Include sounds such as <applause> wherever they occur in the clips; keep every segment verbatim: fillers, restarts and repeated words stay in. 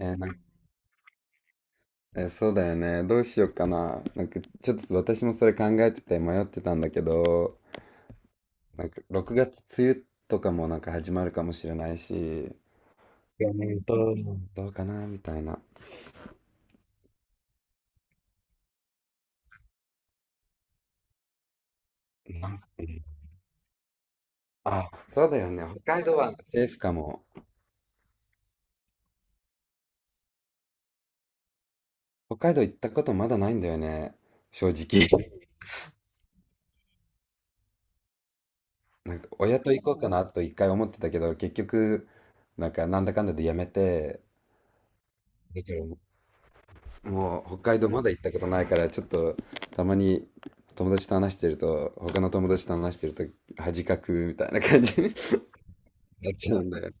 えーなんえーそうだよね。どうしようかな。なんか、ちょっと私もそれ考えてて迷ってたんだけど、なんか、ろくがつ梅雨とかもなんか始まるかもしれないし、いやね、どう、どうかなみたいな。なんかうんあ、そうだよね。北海道はセーフかも。北海道行ったことまだないんだよね。正直。<laughs> なんか、親と行こうかなと一回思ってたけど、結局、なんか、なんだかんだでやめて、だけどもう北海道まだ行ったことないから、ちょっと、たまに友達と話してると、他の友達と話してると恥かくみたいな感じに <laughs> なっちゃうんだよね。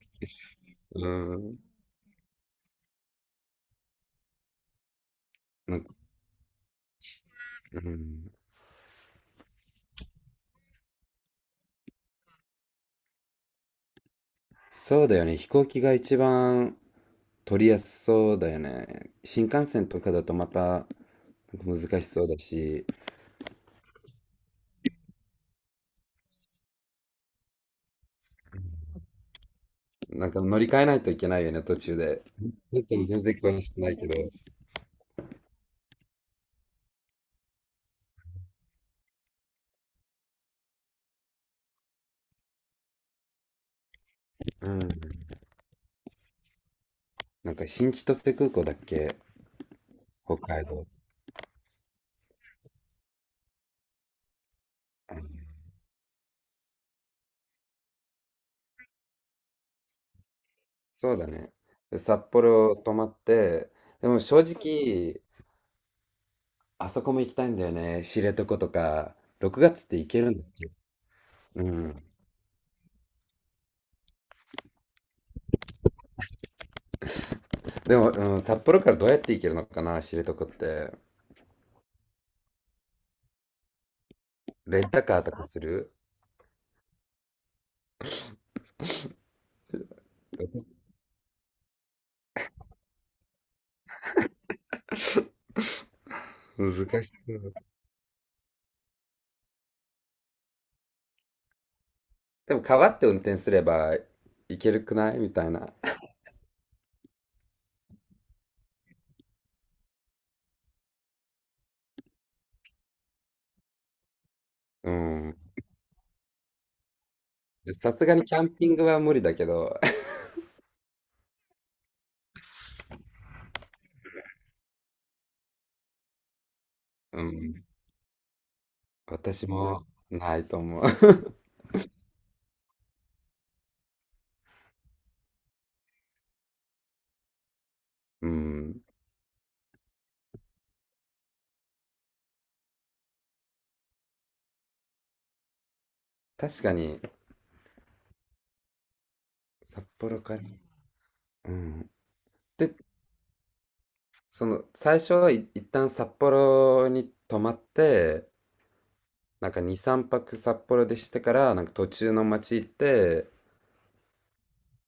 うん。なんか、うん。そうだよね。飛行機が一番取りやすそうだよね。新幹線とかだとまたなんか難しそうだし、なんか乗り換えないといけないよね、途中で。本当に全然詳しくないけど。うん。なんか新千歳空港だっけ、北海道。そうだね。で札幌泊まって、でも正直、あそこも行きたいんだよね。知床とか、ろくがつって行けるんだ。うん。でも、うん、札幌からどうやって行けるのかな、知床って。レンタカーとかする？難しそう。でも、川って運転すれば行けるくないみたいな。うん。さすがにキャンピングは無理だけど、<laughs> うん。私もないと思う。<laughs> うん。確かに、札幌から。うん。で、その最初はい一旦札幌に泊まって、なんかに、さんぱく札幌でしてからなんか途中の町行って、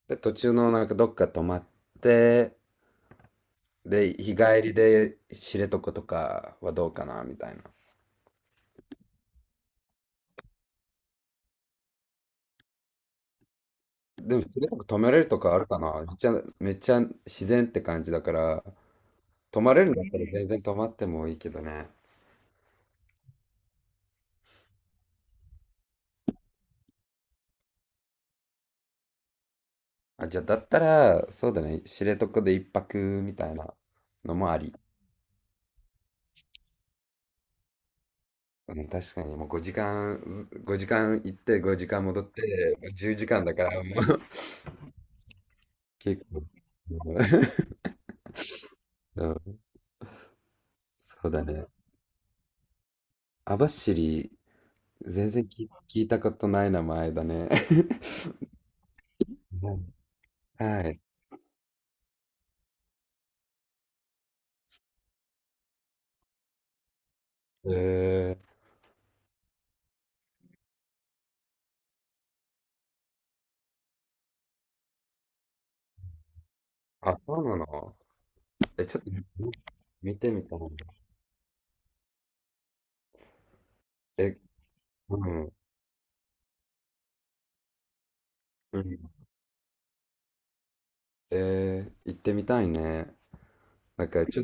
で途中のなんかどっか泊まって、で日帰りで知床とかはどうかなみたいな。でも知床泊めれるとかあるかな。めっちゃめっちゃ自然って感じだから、泊まれるんだったら全然泊まってもいいけどね。あ、じゃあだったらそうだね、知床で一泊みたいなのもあり。うん、確かにもうごじかん、ずごじかん行ってごじかん戻って、もうじゅうじかんだからもう <laughs> 結構、うん、うん。そうだね。網走、全然聞、聞いたことない名前だね。<laughs> うん、はい。えー、あ、そうなの？え、ちょっと見てみたいな。え、うん、うん。えー、行ってみたいね。なんかちょ、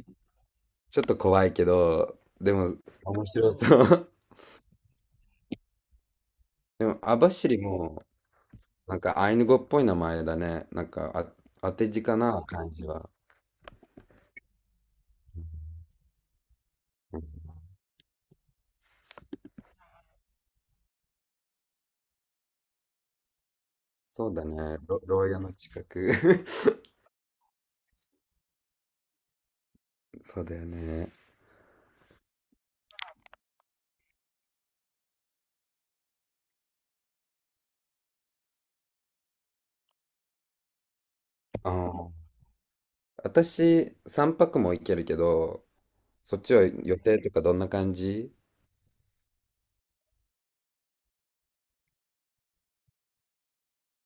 ちょっと怖いけど、でも面白そう。<laughs> でも網走も、なんかアイヌ語っぽい名前だね。なんか、あ、当て字かな、感じは。そうだね。ろ牢屋の近く。<laughs> そうだよね。あー私、さんぱくも行けるけど、そっちは予定とかどんな感じ？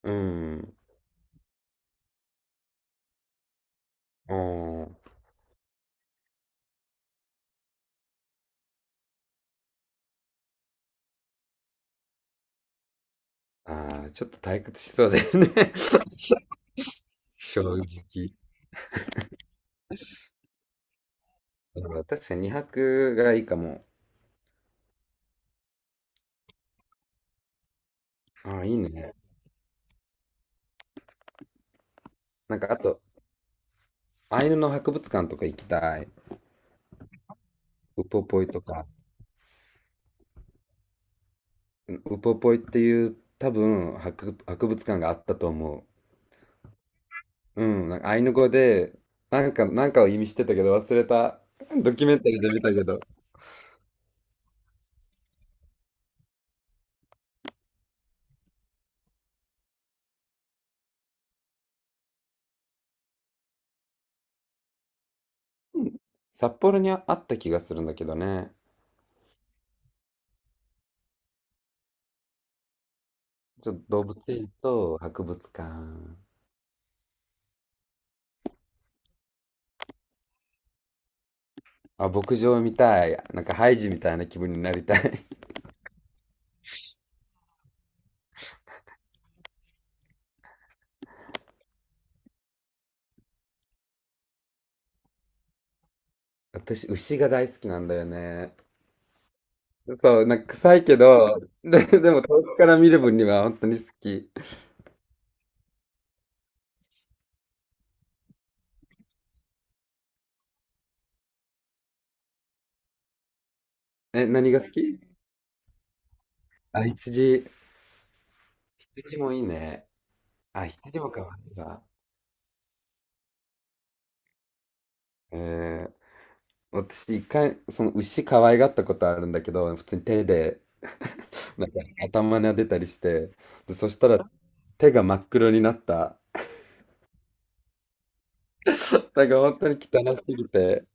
うん。おーああ、ちょっと退屈しそうだよね。 <laughs> 正直。うん、確かににはくがいいかも。ああ、いいね。なんかあと、アイヌの博物館とか行きたい。ウポポイとか。ウポポイっていう多分博、博物館があったと思う。うん、なんかアイヌ語で、なんか、なんかを意味してたけど忘れた。ドキュメンタリーで見たけど。札幌にあった気がするんだけどね。ちょっと動物園と博物館。あ、牧場みたい。なんかハイジみたいな気分になりたい。<laughs> 私、牛が大好きなんだよね。そう、なんか臭いけど、で、でも遠くから見る分には本当に好き。え、何が好き？あ、羊。羊もいいね。あ、羊も可愛いわ。えー、私一回、その牛可愛がったことあるんだけど、普通に手で、<laughs> なんか頭撫でたりして、で、そしたら手が真っ黒になった。なんか本当に汚すぎて。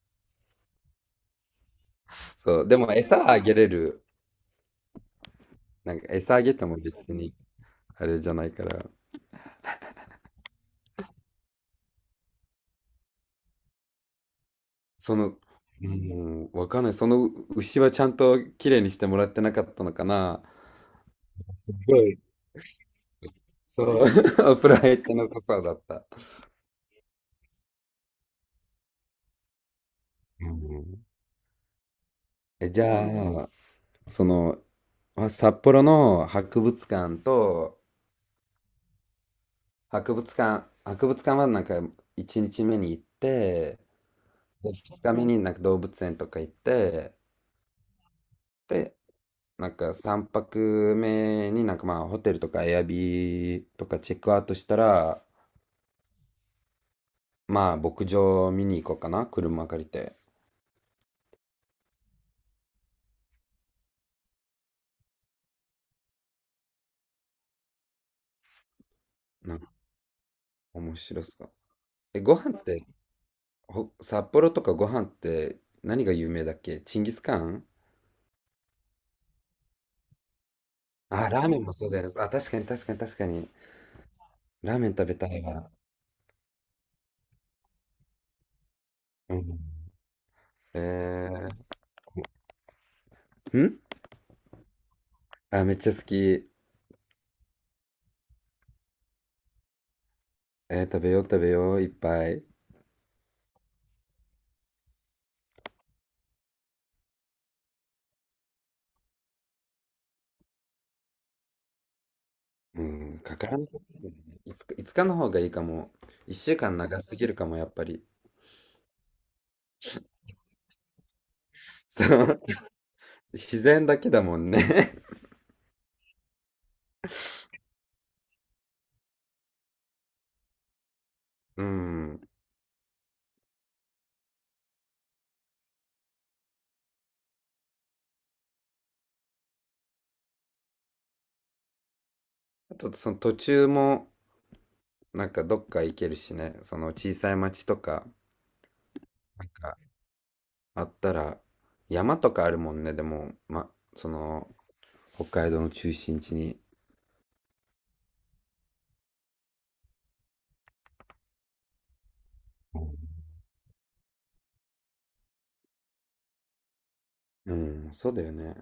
そう、でも餌はあげれる。なんか餌あげても別にあれじゃないから。その、うん、わかんない。その牛はちゃんと綺麗にしてもらってなかったのかな。すごい。そう、<laughs> お風呂入ってなさそうだった。うん、え、じゃあ、その、まあ札幌の博物館と、博物館、博物館はなんかいちにちめに行って、で、ににちめになんか動物園とか行って、で、なんかさんぱくめになんかまあホテルとかエアビーとかチェックアウトしたら、まあ牧場見に行こうかな、車借りて。なんか面白そう。え、ご飯って、ほ札幌とかご飯って何が有名だっけ？チンギスカン？あ、ラーメンもそうだよね。あ、確かに確かに確かに。ラーメン食べたいわ。うん。えー、んあ、めっちゃ好き。えー、食べよう食べよう、いっぱい。うん、かからんとすぎるね。いつか、いつかの方がいいかも。一週間長すぎるかも、やっぱり。そう。<laughs> 自然だけだもんね。<laughs> うん。あと、その途中も、なんかどっか行けるしね。その小さい町とかがあったら、山とかあるもんね。でも、ま、その、北海道の中心地に。うん、そうだよね。